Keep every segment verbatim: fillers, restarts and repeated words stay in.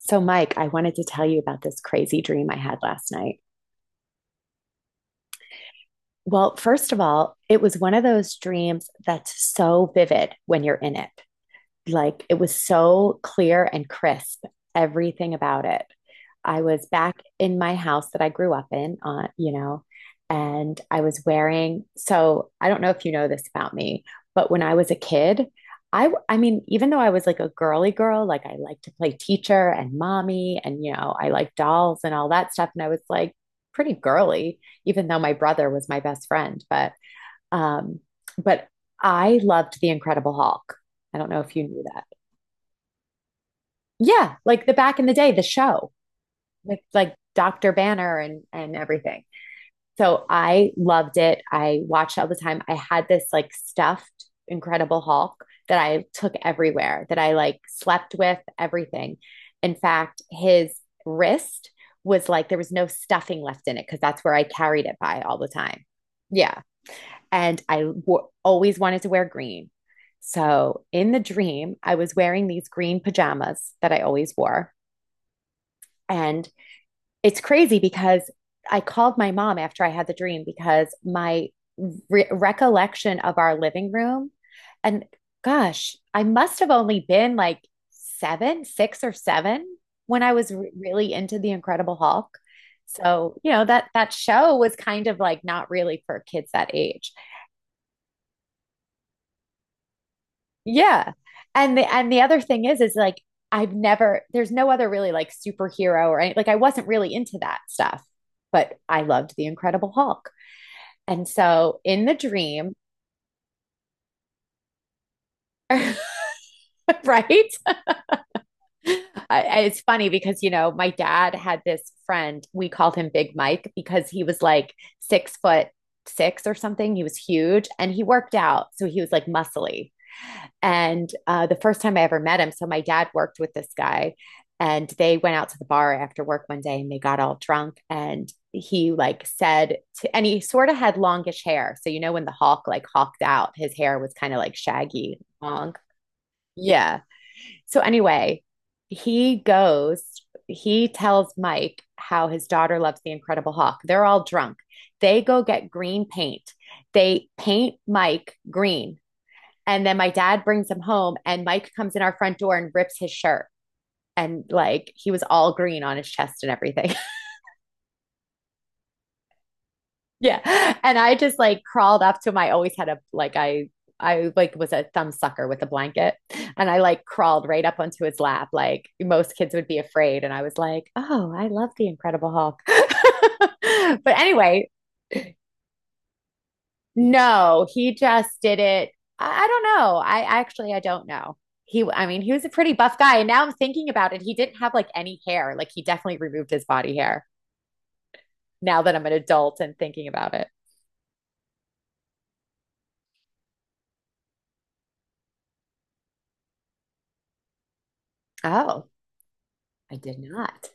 So, Mike, I wanted to tell you about this crazy dream I had last night. Well, first of all, it was one of those dreams that's so vivid when you're in it. Like it was so clear and crisp, everything about it. I was back in my house that I grew up in, uh, you know, and I was wearing. So I don't know if you know this about me, but when I was a kid, I—I mean, even though I was like a girly girl, like I liked to play teacher and mommy, and you know, I liked dolls and all that stuff, and I was like pretty girly, even though my brother was my best friend. But um, but I loved The Incredible Hulk. I don't know if you knew that. Yeah, like the back in the day, the show with like Doctor Banner and and everything. So I loved it. I watched it all the time. I had this like stuffed Incredible Hulk that I took everywhere, that I like slept with everything. In fact, his wrist was like there was no stuffing left in it because that's where I carried it by all the time. Yeah. And I w- always wanted to wear green. So in the dream, I was wearing these green pajamas that I always wore. And it's crazy because I called my mom after I had the dream, because my re- recollection of our living room, and gosh, I must have only been like seven, six or seven when I was re- really into The Incredible Hulk. So, you know, that that show was kind of like not really for kids that age. Yeah. And the and the other thing is is like I've never there's no other really like superhero or any like I wasn't really into that stuff, but I loved the Incredible Hulk. And so in the dream, right? I- it's funny because you know my dad had this friend we called him Big Mike because he was like six foot six or something. He was huge and he worked out, so he was like muscly. And uh, the first time I ever met him, so my dad worked with this guy and they went out to the bar after work one day and they got all drunk and he like said to and he sort of had longish hair, so you know when the hawk like hawked out his hair was kind of like shaggy long, yeah, so anyway, he goes he tells Mike how his daughter loves the incredible hawk. They're all drunk. They go get green paint. They paint Mike green. And then my dad brings him home, and Mike comes in our front door and rips his shirt. And like he was all green on his chest and everything. Yeah. And I just like crawled up to him. I always had a, like, I, I like was a thumb sucker with a blanket, and I like crawled right up onto his lap. Like most kids would be afraid. And I was like, oh, I love the Incredible Hulk. But anyway. No, he just did it. I, I don't know. I actually, I don't know. He, I mean, he was a pretty buff guy, and now I'm thinking about it. He didn't have like any hair. Like he definitely removed his body hair. Now that I'm an adult and thinking about it. Oh, I did not.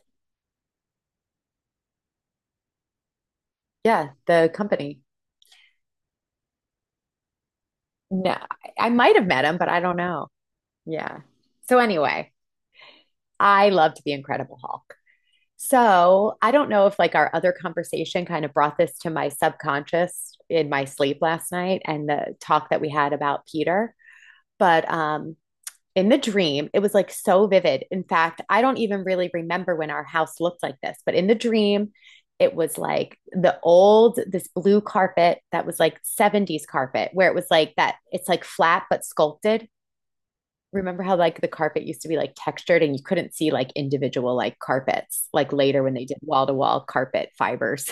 Yeah, the company. No, I, I might have met him, but I don't know. Yeah. So anyway, I loved The Incredible Hulk. So I don't know if like our other conversation kind of brought this to my subconscious in my sleep last night and the talk that we had about Peter, but um in the dream, it was like so vivid. In fact, I don't even really remember when our house looked like this, but in the dream, it was like the old, this blue carpet that was like seventies carpet, where it was like that, it's like flat but sculpted. Remember how like the carpet used to be like textured and you couldn't see like individual like carpets like later when they did wall to wall carpet fibers.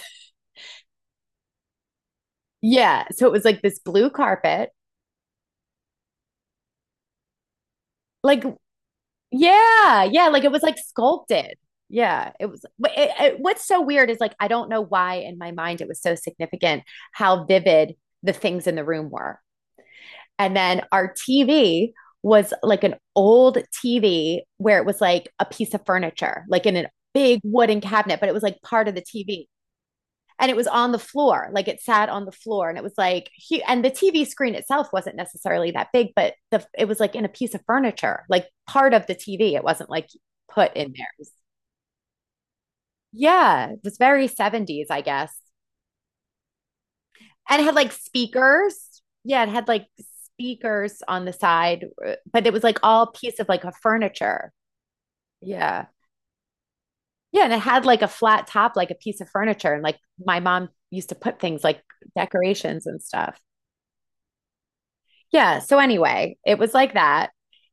Yeah, so it was like this blue carpet. Like yeah, yeah, like it was like sculpted. Yeah, it was, but it, it, what's so weird is like I don't know why in my mind it was so significant, how vivid the things in the room were. And then our T V was like an old T V where it was like a piece of furniture, like in an big wooden cabinet, but it was like part of the T V. And it was on the floor, like it sat on the floor. And it was like he, and the TV screen itself wasn't necessarily that big, but the it was like in a piece of furniture, like part of the TV. It wasn't like put in there. It was, yeah, it was very seventies, I guess. And it had like speakers, yeah, it had like speakers on the side. Uh, but it was like all piece of like a furniture. Yeah, yeah, and it had like a flat top, like a piece of furniture. And like my mom used to put things like decorations and stuff. Yeah. So anyway, it was like that.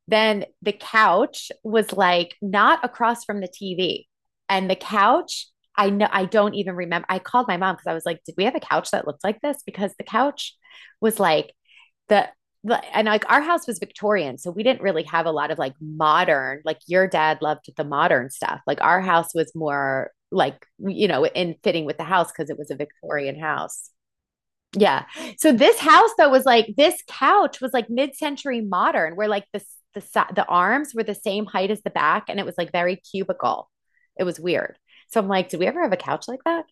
Then the couch was like not across from the T V. And the couch, I know, I don't even remember. I called my mom because I was like, did we have a couch that looked like this? Because the couch was like the and like our house was Victorian, so we didn't really have a lot of like modern, like your dad loved the modern stuff. Like our house was more like, you know, in fitting with the house because it was a Victorian house. Yeah. So this house though was like this couch was like mid-century modern, where like the s- the si- the arms were the same height as the back, and it was like very cubical. It was weird. So I'm like, did we ever have a couch like that?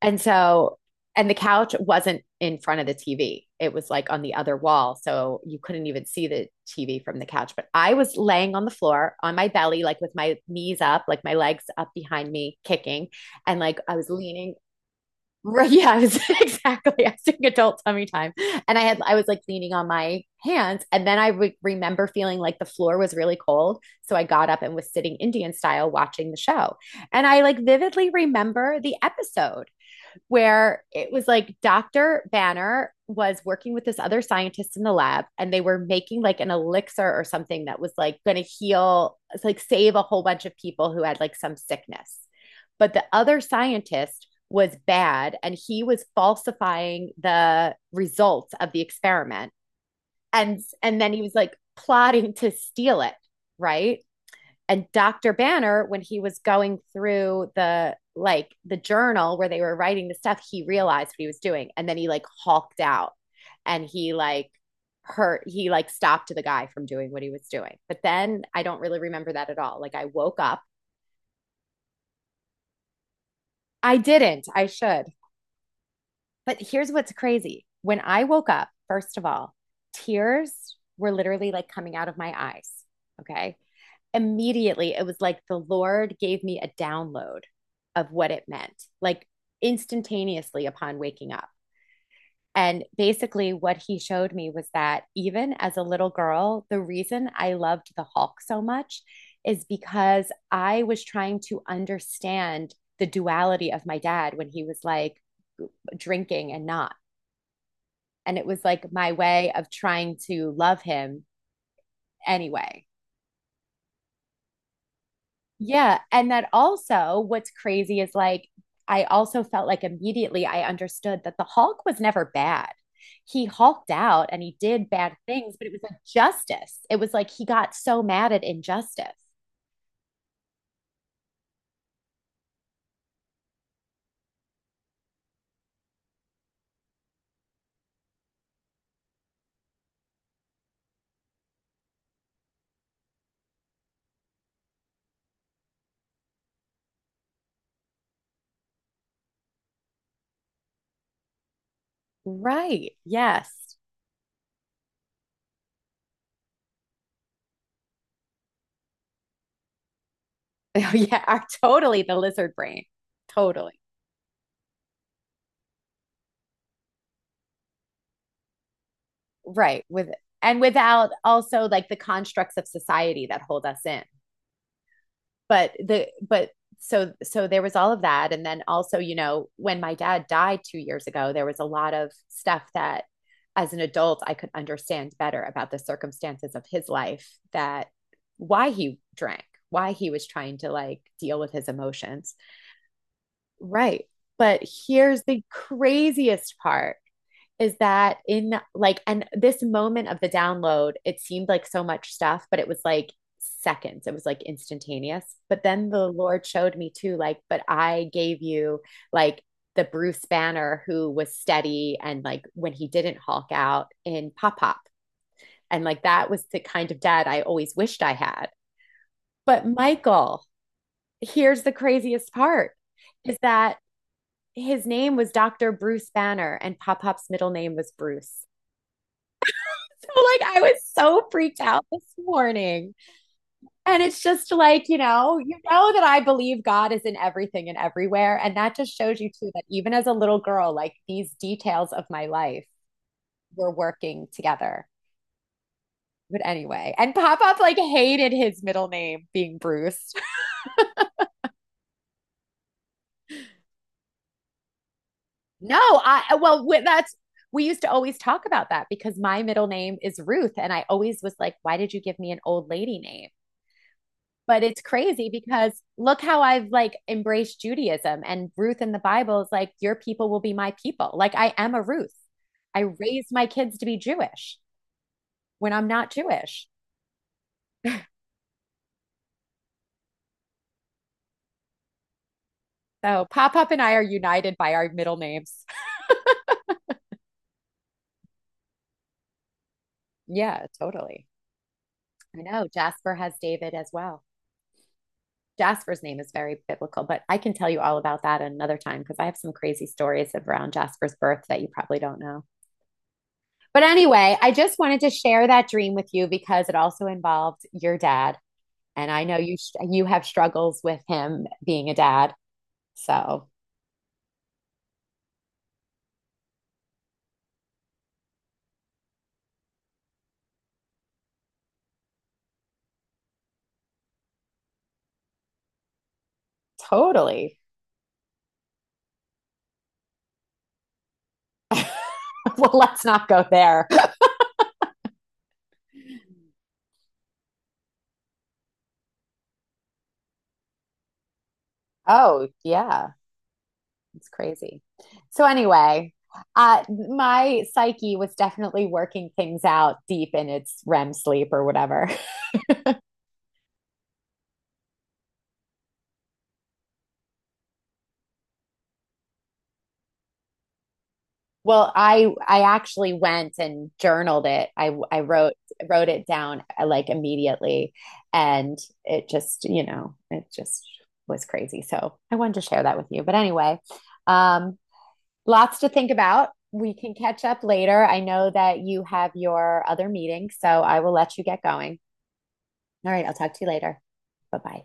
And so, and the couch wasn't in front of the T V. It was like on the other wall, so you couldn't even see the T V from the couch. But I was laying on the floor on my belly, like with my knees up, like my legs up behind me, kicking, and like I was leaning. Right, yeah, I was, exactly. I was doing adult tummy time, and I had I was like leaning on my hands, and then I re- remember feeling like the floor was really cold, so I got up and was sitting Indian style watching the show, and I like vividly remember the episode, where it was like Doctor Banner was working with this other scientist in the lab and they were making like an elixir or something that was like going to heal, like save a whole bunch of people who had like some sickness. But the other scientist was bad and he was falsifying the results of the experiment. And and then he was like plotting to steal it, right? And Doctor Banner, when he was going through the like the journal where they were writing the stuff, he realized what he was doing. And then he like hulked out, and he like hurt he like stopped the guy from doing what he was doing. But then I don't really remember that at all. Like I woke up. I didn't. I should. But here's what's crazy. When I woke up, first of all, tears were literally like coming out of my eyes. Okay. Immediately it was like the Lord gave me a download of what it meant, like instantaneously upon waking up. And basically, what he showed me was that even as a little girl, the reason I loved the Hulk so much is because I was trying to understand the duality of my dad when he was like drinking and not. And it was like my way of trying to love him anyway. Yeah. And that also, what's crazy is like, I also felt like immediately I understood that the Hulk was never bad. He hulked out and he did bad things, but it was like justice. It was like he got so mad at injustice. Right. Yes. Yeah. Are totally the lizard brain. Totally. Right. With and without also like the constructs of society that hold us in. but the but so so there was all of that, and then also you know when my dad died two years ago there was a lot of stuff that as an adult I could understand better about the circumstances of his life, that why he drank, why he was trying to like deal with his emotions, right? But here's the craziest part is that in like and this moment of the download, it seemed like so much stuff, but it was like seconds, it was like instantaneous. But then the Lord showed me too, like, but I gave you, like, the Bruce Banner who was steady, and like when he didn't hulk out in Pop Pop. And like that was the kind of dad I always wished I had. But Michael, here's the craziest part is that his name was Dr. Bruce Banner, and Pop Pop's middle name was Bruce. Like I was so freaked out this morning. And it's just like, you know, you know that I believe God is in everything and everywhere. And that just shows you too that even as a little girl, like these details of my life were working together. But anyway, and Pop Up like hated his middle name being Bruce. No, I well that's we used to always talk about that because my middle name is Ruth, and I always was like, why did you give me an old lady name? But it's crazy because look how I've like embraced Judaism, and Ruth in the Bible is like, your people will be my people. Like I am a Ruth. I raised my kids to be Jewish when I'm not Jewish. So Pop Up and I are united by our middle names. Yeah, totally. I know Jasper has David as well. Jasper's name is very biblical, but I can tell you all about that another time because I have some crazy stories around Jasper's birth that you probably don't know. But anyway, I just wanted to share that dream with you because it also involved your dad. And I know you sh- you have struggles with him being a dad. So totally. Well, let's not go there. Oh, yeah. It's crazy. So anyway, uh my psyche was definitely working things out deep in its REM sleep or whatever. Well, I I actually went and journaled it. I I wrote wrote it down uh, like immediately, and it just you know it just was crazy. So I wanted to share that with you. But anyway, um, lots to think about. We can catch up later. I know that you have your other meeting, so I will let you get going. All right, I'll talk to you later. Bye bye.